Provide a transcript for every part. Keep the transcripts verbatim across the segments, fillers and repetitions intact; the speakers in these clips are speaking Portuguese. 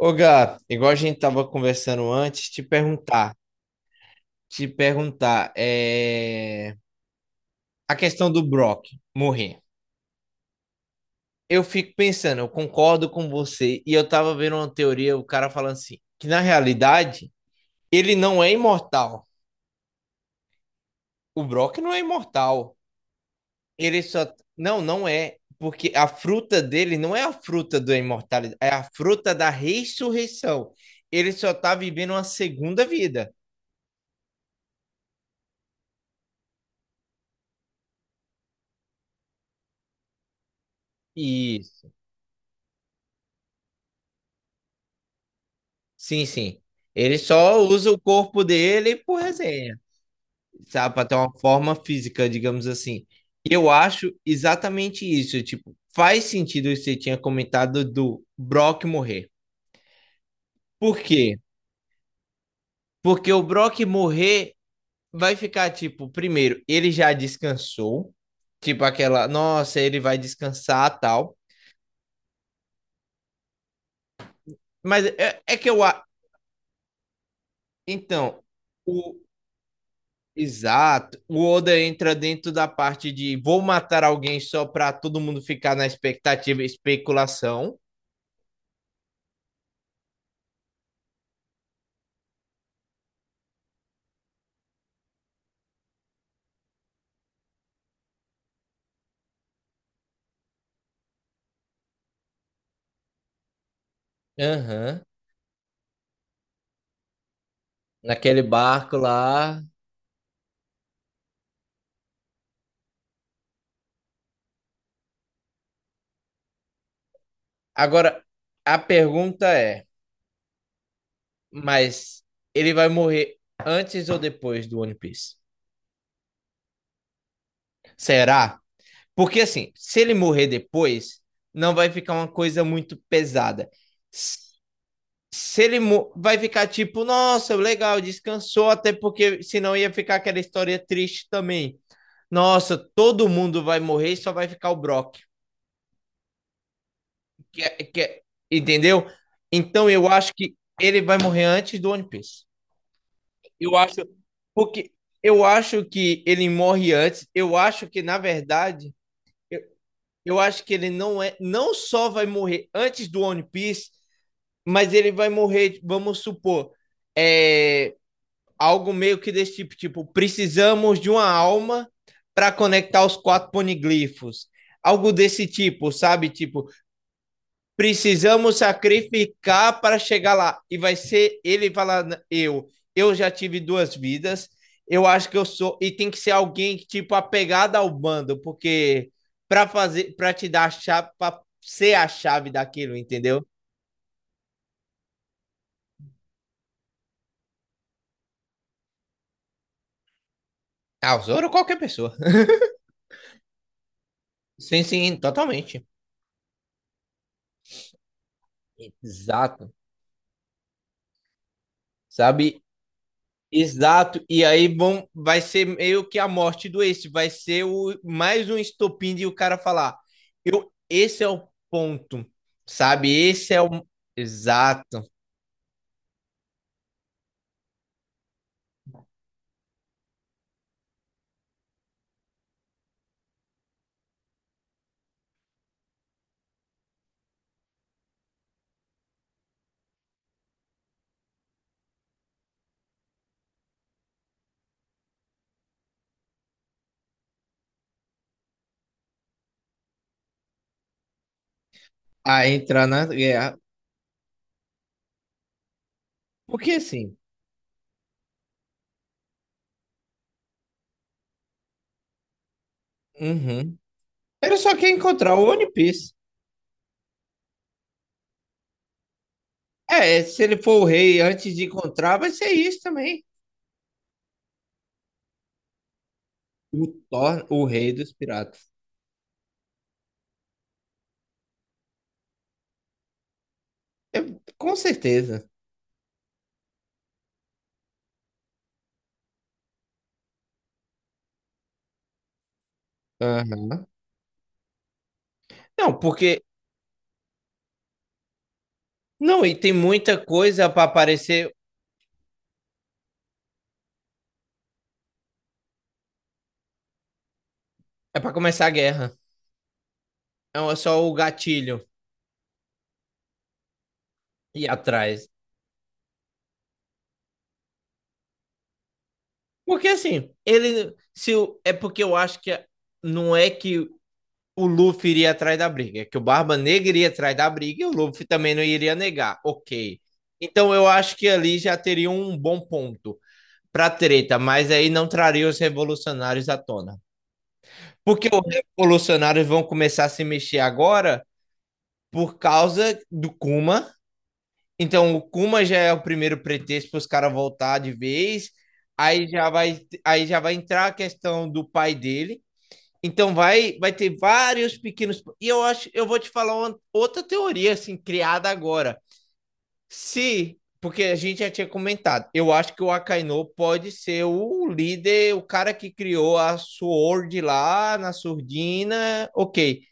Ô, Gato, igual a gente tava conversando antes, te perguntar, te perguntar, é... a questão do Brock morrer. Eu fico pensando, eu concordo com você, e eu tava vendo uma teoria, o cara falando assim, que na realidade, ele não é imortal. O Brock não é imortal. Ele só... Não, não é. Porque a fruta dele não é a fruta da imortalidade, é a fruta da ressurreição. Ele só tá vivendo uma segunda vida. Isso. Sim, sim. Ele só usa o corpo dele por resenha, sabe? Pra ter uma forma física, digamos assim. E Eu acho exatamente isso. Tipo, faz sentido o que você tinha comentado do Brock morrer. Por quê? Porque o Brock morrer vai ficar, tipo, primeiro, ele já descansou. Tipo, aquela, nossa, ele vai descansar, tal. Mas é, é que eu. a- então, exato. O Oda entra dentro da parte de vou matar alguém só pra todo mundo ficar na expectativa e especulação. Aham. Naquele barco lá. Agora, a pergunta é, mas ele vai morrer antes ou depois do One Piece? Será? Porque assim, se ele morrer depois, não vai ficar uma coisa muito pesada. Se ele vai ficar tipo, nossa, legal, descansou, até porque senão ia ficar aquela história triste também. Nossa, todo mundo vai morrer, e só vai ficar o Brock. Que é- que é- Entendeu? Então eu acho que ele vai morrer antes do One Piece. Eu acho porque eu acho que ele morre antes. Eu acho que na verdade, eu acho que ele não é, não só vai morrer antes do One Piece, mas ele vai morrer, vamos supor, é algo meio que desse tipo, tipo, precisamos de uma alma para conectar os quatro poniglifos. Algo desse tipo, sabe? Tipo, precisamos sacrificar para chegar lá. E vai ser ele falar, eu, eu já tive duas vidas, eu acho que eu sou e tem que ser alguém que tipo apegado ao bando, porque para fazer, para te dar a chave, para ser a chave daquilo, entendeu? Ah, o Zoro ou qualquer pessoa. Sim, sim, totalmente. Exato. Sabe? Exato, e aí vão, vai ser meio que a morte do Ace, vai ser o, mais um estopim de o cara falar, eu, esse é o ponto, sabe? Esse é o... Exato, a entrar na guerra. Porque assim, uhum. Ele só quer encontrar o One Piece. É, se ele for o rei antes de encontrar, vai ser isso também. O Thor, o rei dos piratas. É, com certeza. Aham. Não, porque... Não, e tem muita coisa para aparecer, é para começar a guerra. É só o gatilho ir atrás. Porque assim, ele. Se, o- é porque eu acho que não é que o Luffy iria atrás da briga, é que o Barba Negra iria atrás da briga e o Luffy também não iria negar. Ok. Então eu acho que ali já teria um bom ponto pra treta, mas aí não traria os revolucionários à tona. Porque os revolucionários vão começar a se mexer agora por causa do Kuma. Então, o Kuma já é o primeiro pretexto para os caras voltar de vez. Aí já vai, aí já vai entrar a questão do pai dele. Então vai, vai ter vários pequenos. E eu acho, eu vou te falar uma, outra teoria assim criada agora. Se, Porque a gente já tinha comentado, eu acho que o Akainu pode ser o líder, o cara que criou a Sword lá na Surdina, ok.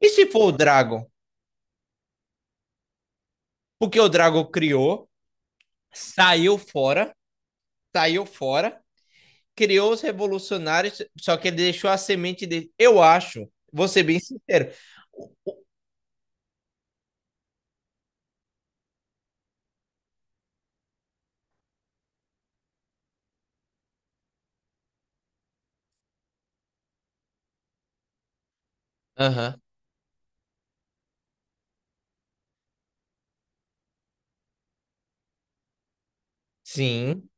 E se for o Dragon? Porque o Dragon criou, saiu fora, saiu fora criou os revolucionários, só que ele deixou a semente dele. Eu acho, vou ser bem sincero. Aham. Sim.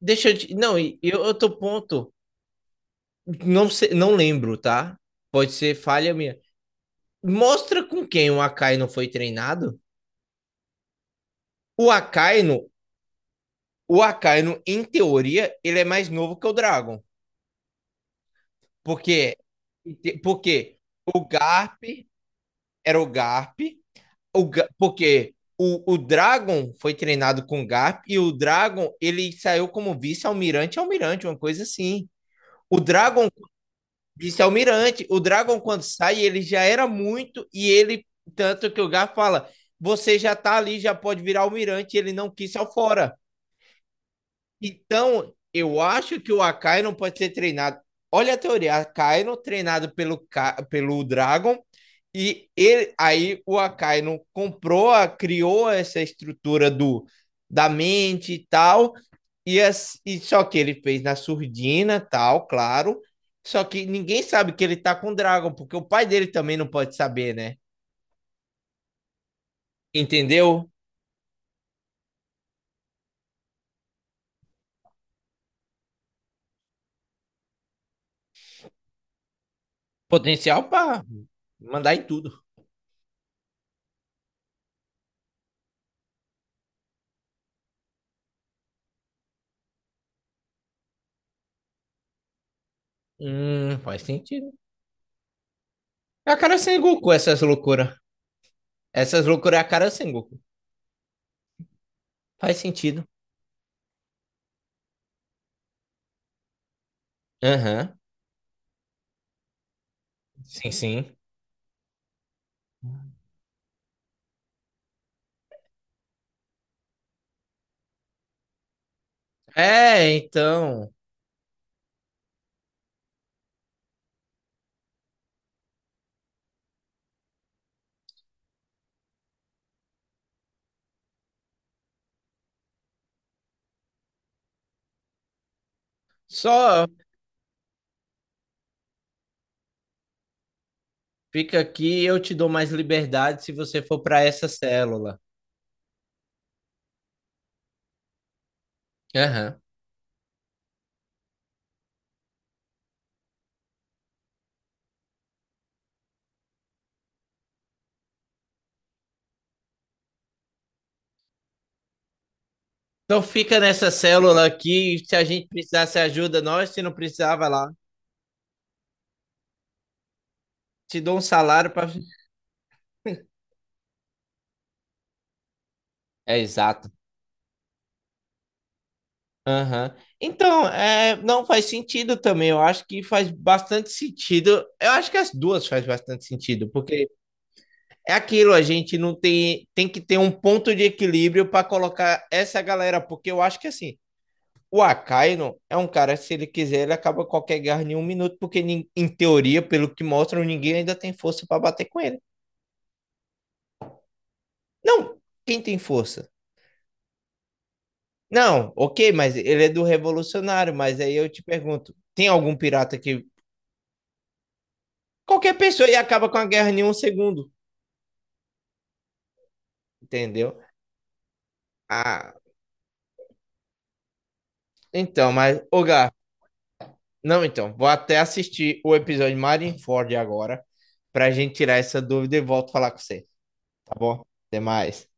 Deixa eu te... Não, e eu, eu tô ponto. Não sei, não lembro, tá? Pode ser falha minha. Mostra com quem o Akainu foi treinado. O Akainu, o Akainu, em teoria, ele é mais novo que o Dragon. Porque, porque o Garp era o Garp, O porque o, o Dragon foi treinado com o Garp e o Dragon ele saiu como vice-almirante, almirante, uma coisa assim. O Dragon, vice-almirante, o Dragon quando sai, ele já era muito e ele, tanto que o Garp fala, você já tá ali, já pode virar almirante, ele não quis ao fora. Então, eu acho que o Akainu pode ser treinado. Olha a teoria, Akainu treinado pelo, pelo, Dragon e ele, aí o Akainu comprou, criou essa estrutura do da mente e tal, e, as, e só que ele fez na surdina, tal, claro. Só que ninguém sabe que ele tá com o Dragon, porque o pai dele também não pode saber, né? Entendeu? Potencial pra mandar em tudo. Hum, faz sentido. É a cara sem Goku, essas loucuras. Essas loucuras é a cara sem Goku. Faz sentido. Aham. Uhum. Sim, sim. É, então. Só fica aqui, eu te dou mais liberdade se você for para essa célula. Aham. Então fica nessa célula aqui, se a gente precisar, você ajuda nós, se não precisar, vai lá. Te dou um salário para. É exato. Aham. Então, é, não faz sentido também. Eu acho que faz bastante sentido. Eu acho que as duas faz bastante sentido, porque é aquilo, a gente não tem, tem que ter um ponto de equilíbrio para colocar essa galera, porque eu acho que assim, o Akainu é um cara, se ele quiser, ele acaba qualquer guerra em um minuto, porque nin- em teoria, pelo que mostram, ninguém ainda tem força para bater com ele. Não, quem tem força? Não, ok, mas ele é do revolucionário, mas aí eu te pergunto, tem algum pirata que qualquer pessoa e acaba com a guerra em um segundo, entendeu? Ah, então, mas ô Gá, não, então, vou até assistir o episódio Marineford agora pra gente tirar essa dúvida e volto a falar com você, tá bom? Até mais.